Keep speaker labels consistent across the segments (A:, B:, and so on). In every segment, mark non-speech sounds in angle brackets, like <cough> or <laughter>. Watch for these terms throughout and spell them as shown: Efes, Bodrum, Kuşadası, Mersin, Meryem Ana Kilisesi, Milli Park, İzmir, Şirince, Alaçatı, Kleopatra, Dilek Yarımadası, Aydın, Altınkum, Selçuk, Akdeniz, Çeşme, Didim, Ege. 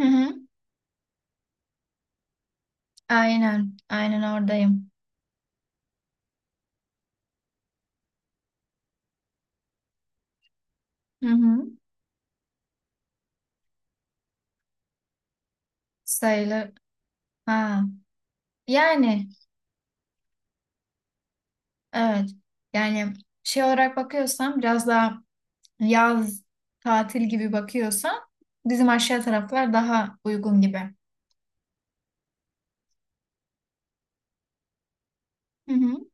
A: Hı hı. Aynen. Aynen oradayım. Hı hı. Sayılır. Ha. Yani evet. Yani şey olarak bakıyorsam biraz daha yaz tatil gibi bakıyorsam bizim aşağı taraflar daha uygun gibi. Hı hı.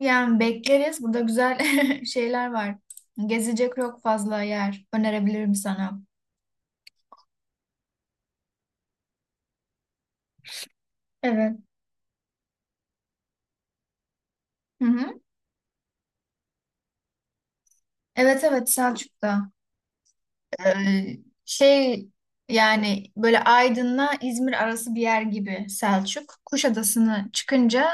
A: Yani bekleriz. Burada güzel <laughs> şeyler var. Gezecek çok fazla yer önerebilirim sana. Evet. Hı hı. Evet evet Selçuk'ta. Ee, şey yani böyle Aydın'la İzmir arası bir yer gibi Selçuk. Kuşadası'nı çıkınca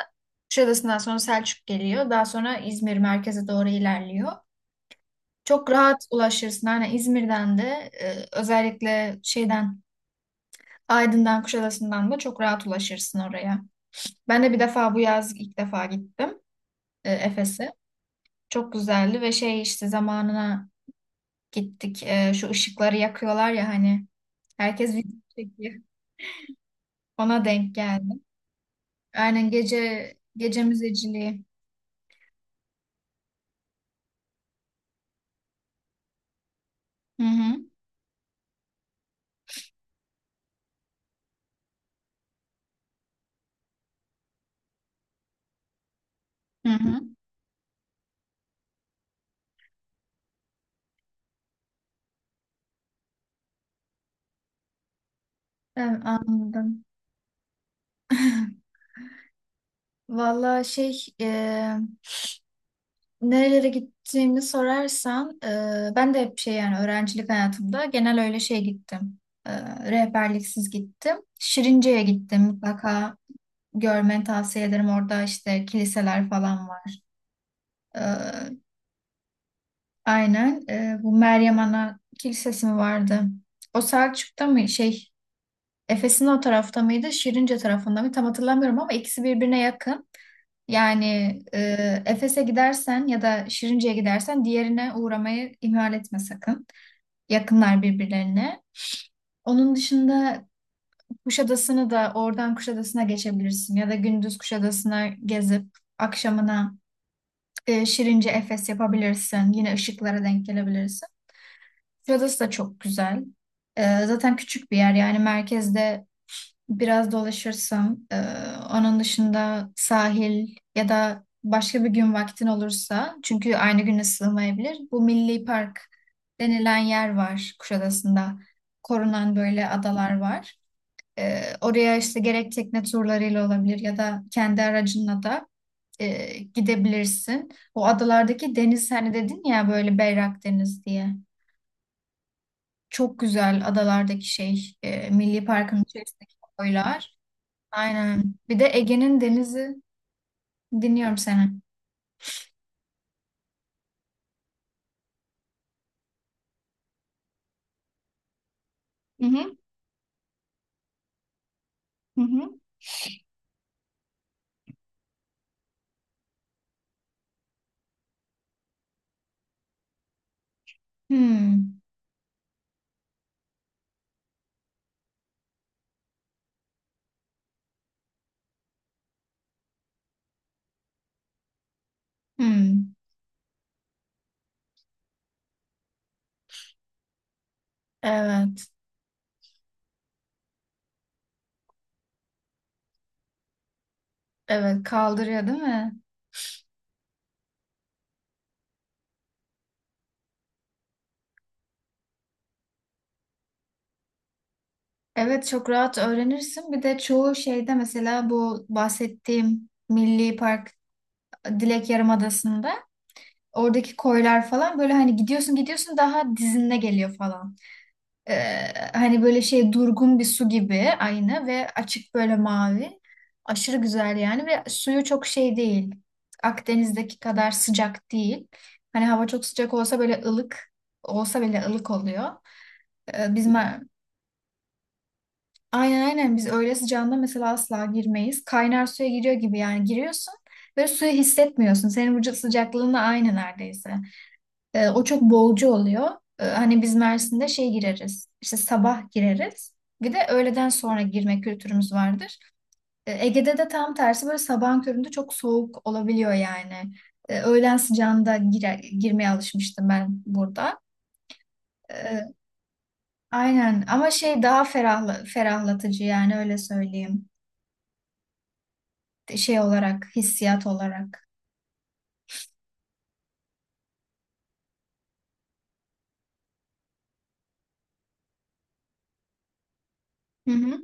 A: Kuşadası'ndan sonra Selçuk geliyor. Daha sonra İzmir merkeze doğru ilerliyor. Çok rahat ulaşırsın. Hani İzmir'den de özellikle şeyden Aydın'dan Kuşadası'ndan da çok rahat ulaşırsın oraya. Ben de bir defa bu yaz ilk defa gittim Efes'e. Çok güzeldi ve şey işte zamanına gittik. Şu ışıkları yakıyorlar ya hani herkes video çekiyor. Bana denk geldi. Aynen gece müzeciliği. Hı hı. Hı hı. Evet, anladım. Valla şey nerelere gittiğimi sorarsan ben de hep şey yani öğrencilik hayatımda genel öyle şey gittim. E, Rehberliksiz gittim. Şirince'ye gittim, mutlaka görmeni tavsiye ederim. Orada işte kiliseler falan var. E, Bu Meryem Ana Kilisesi mi vardı? O Selçuk'ta mı, şey Efes'in o tarafta mıydı, Şirince tarafında mı? Tam hatırlamıyorum ama ikisi birbirine yakın. Yani Efes'e gidersen ya da Şirince'ye gidersen diğerine uğramayı ihmal etme sakın. Yakınlar birbirlerine. Onun dışında Kuşadası'nı da oradan Kuşadası'na geçebilirsin ya da gündüz Kuşadası'na gezip akşamına Şirince Efes yapabilirsin. Yine ışıklara denk gelebilirsin. Kuşadası da çok güzel. E, zaten küçük bir yer, yani merkezde biraz dolaşırsam, onun dışında sahil ya da başka bir gün vaktin olursa, çünkü aynı güne sığmayabilir. Bu Milli Park denilen yer var Kuşadası'nda. Korunan böyle adalar var. Oraya işte gerek tekne turlarıyla olabilir ya da kendi aracınla da gidebilirsin. O adalardaki deniz hani dedin ya böyle berrak deniz diye. Çok güzel adalardaki şey, Milli Park'ın içerisindeki koylar. Aynen. Bir de Ege'nin denizi dinliyorum seni. Hı hı. Hı hı. Hmm. Hmm. Evet. Evet. Kaldırıyor değil mi? Evet, çok rahat öğrenirsin. Bir de çoğu şeyde mesela bu bahsettiğim Milli Park Dilek Yarımadası'nda oradaki koylar falan böyle hani gidiyorsun daha dizinde geliyor falan. Ee, Hani böyle şey durgun bir su gibi aynı ve açık böyle mavi. Aşırı güzel yani ve suyu çok şey değil. Akdeniz'deki kadar sıcak değil. Hani hava çok sıcak olsa böyle ılık olsa bile ılık oluyor. Biz aynen aynen biz öyle sıcağında mesela asla girmeyiz. Kaynar suya giriyor gibi yani giriyorsun ve suyu hissetmiyorsun. Senin vücut sıcaklığınla aynı neredeyse. O çok boğucu oluyor. Hani biz Mersin'de şey gireriz. İşte sabah gireriz. Bir de öğleden sonra girme kültürümüz vardır. Ege'de de tam tersi, böyle sabahın köründe çok soğuk olabiliyor yani. Öğlen sıcağında girmeye alışmıştım ben burada. E, aynen ama şey daha ferahlatıcı yani, öyle söyleyeyim. Şey olarak, hissiyat olarak. Hı hı.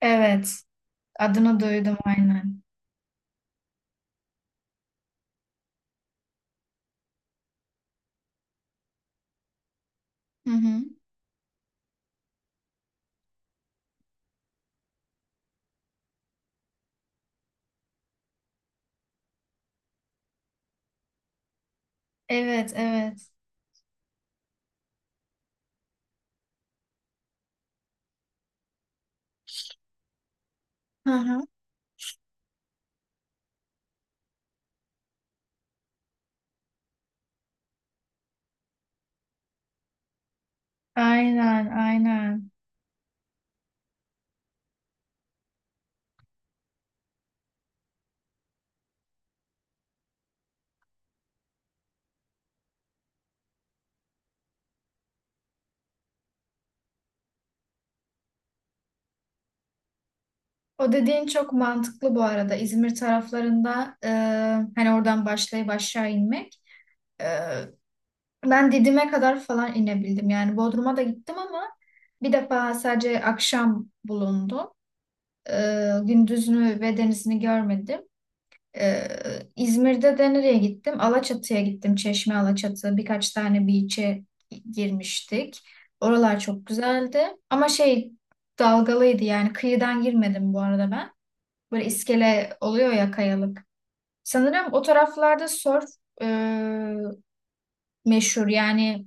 A: Evet. Adını duydum aynen. Hı hı. Evet, evet. Hı hı. Aynen, aynen. O dediğin çok mantıklı bu arada. İzmir taraflarında hani oradan başlayıp aşağı inmek. E, Ben Didim'e kadar falan inebildim. Yani Bodrum'a da gittim ama bir defa sadece akşam bulundum. E, Gündüzünü ve denizini görmedim. E, İzmir'de de nereye gittim? Alaçatı'ya gittim. Çeşme Alaçatı. Birkaç tane beach'e girmiştik. Oralar çok güzeldi. Ama şey dalgalıydı, yani kıyıdan girmedim bu arada ben. Böyle iskele oluyor ya, kayalık. Sanırım o taraflarda surf e, meşhur. Yani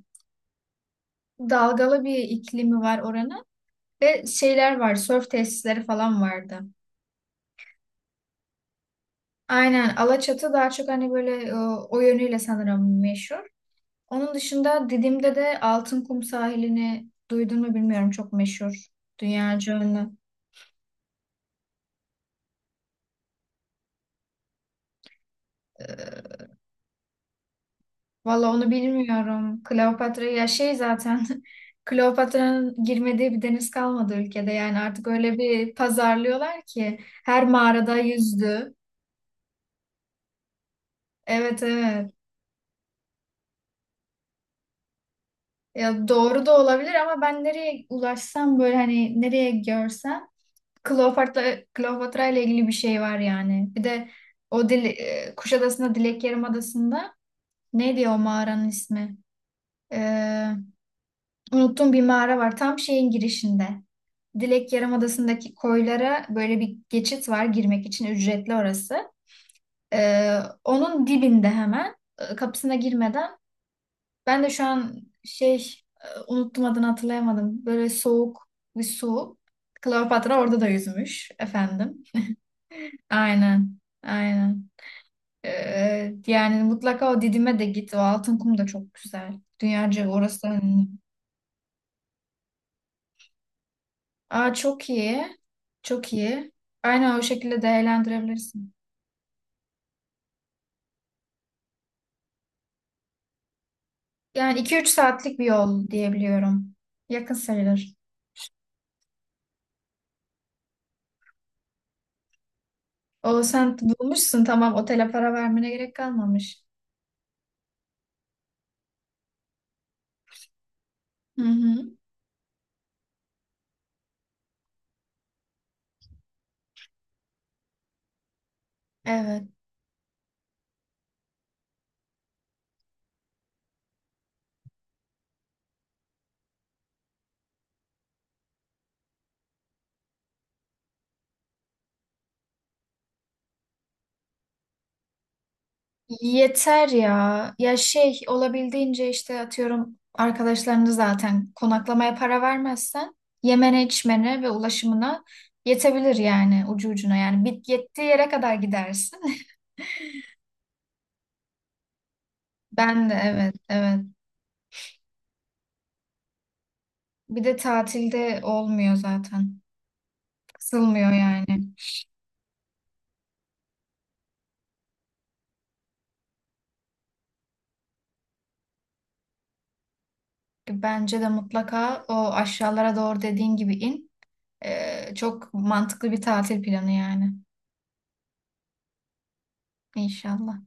A: dalgalı bir iklimi var oranın. Ve şeyler var, surf tesisleri falan vardı. Aynen Alaçatı daha çok hani böyle o yönüyle sanırım meşhur. Onun dışında Didim'de de Altınkum sahilini duydun mu bilmiyorum, çok meşhur. Dünyaca ünlü. E, Valla onu bilmiyorum. Kleopatra ya şey zaten <laughs> Kleopatra'nın girmediği bir deniz kalmadı ülkede. Yani artık öyle bir pazarlıyorlar ki her mağarada yüzdü. Evet evet. Ya doğru da olabilir ama ben nereye ulaşsam böyle hani nereye görsem Kleopatra ile ilgili bir şey var yani. Bir de o dil, Kuşadası'nda Dilek Yarımadası'nda neydi o mağaranın ismi? Ee, Unuttuğum bir mağara var tam şeyin girişinde. Dilek Yarımadası'ndaki koylara böyle bir geçit var, girmek için ücretli orası. Onun dibinde hemen kapısına girmeden ben de şu an şey unuttum adını, hatırlayamadım. Böyle soğuk bir su. Kleopatra orada da yüzmüş efendim. Aynen. Aynen. Yani mutlaka o Didim'e de git. O altın kum da çok güzel. Dünyaca orası Aa, çok iyi. Çok iyi. Aynen o şekilde değerlendirebilirsin. Yani iki üç saatlik bir yol diyebiliyorum. Yakın sayılır. O sen bulmuşsun, tamam, otele para vermene gerek kalmamış. Hı hı. Evet. Yeter ya. Ya şey olabildiğince işte atıyorum arkadaşlarını, zaten konaklamaya para vermezsen yemene, içmene ve ulaşımına yetebilir yani, ucu ucuna yani, bit yettiği yere kadar gidersin. <laughs> Ben de evet evet. Bir de tatilde olmuyor zaten. Kısılmıyor yani. Bence de mutlaka o aşağılara doğru dediğin gibi in. Çok mantıklı bir tatil planı yani. İnşallah.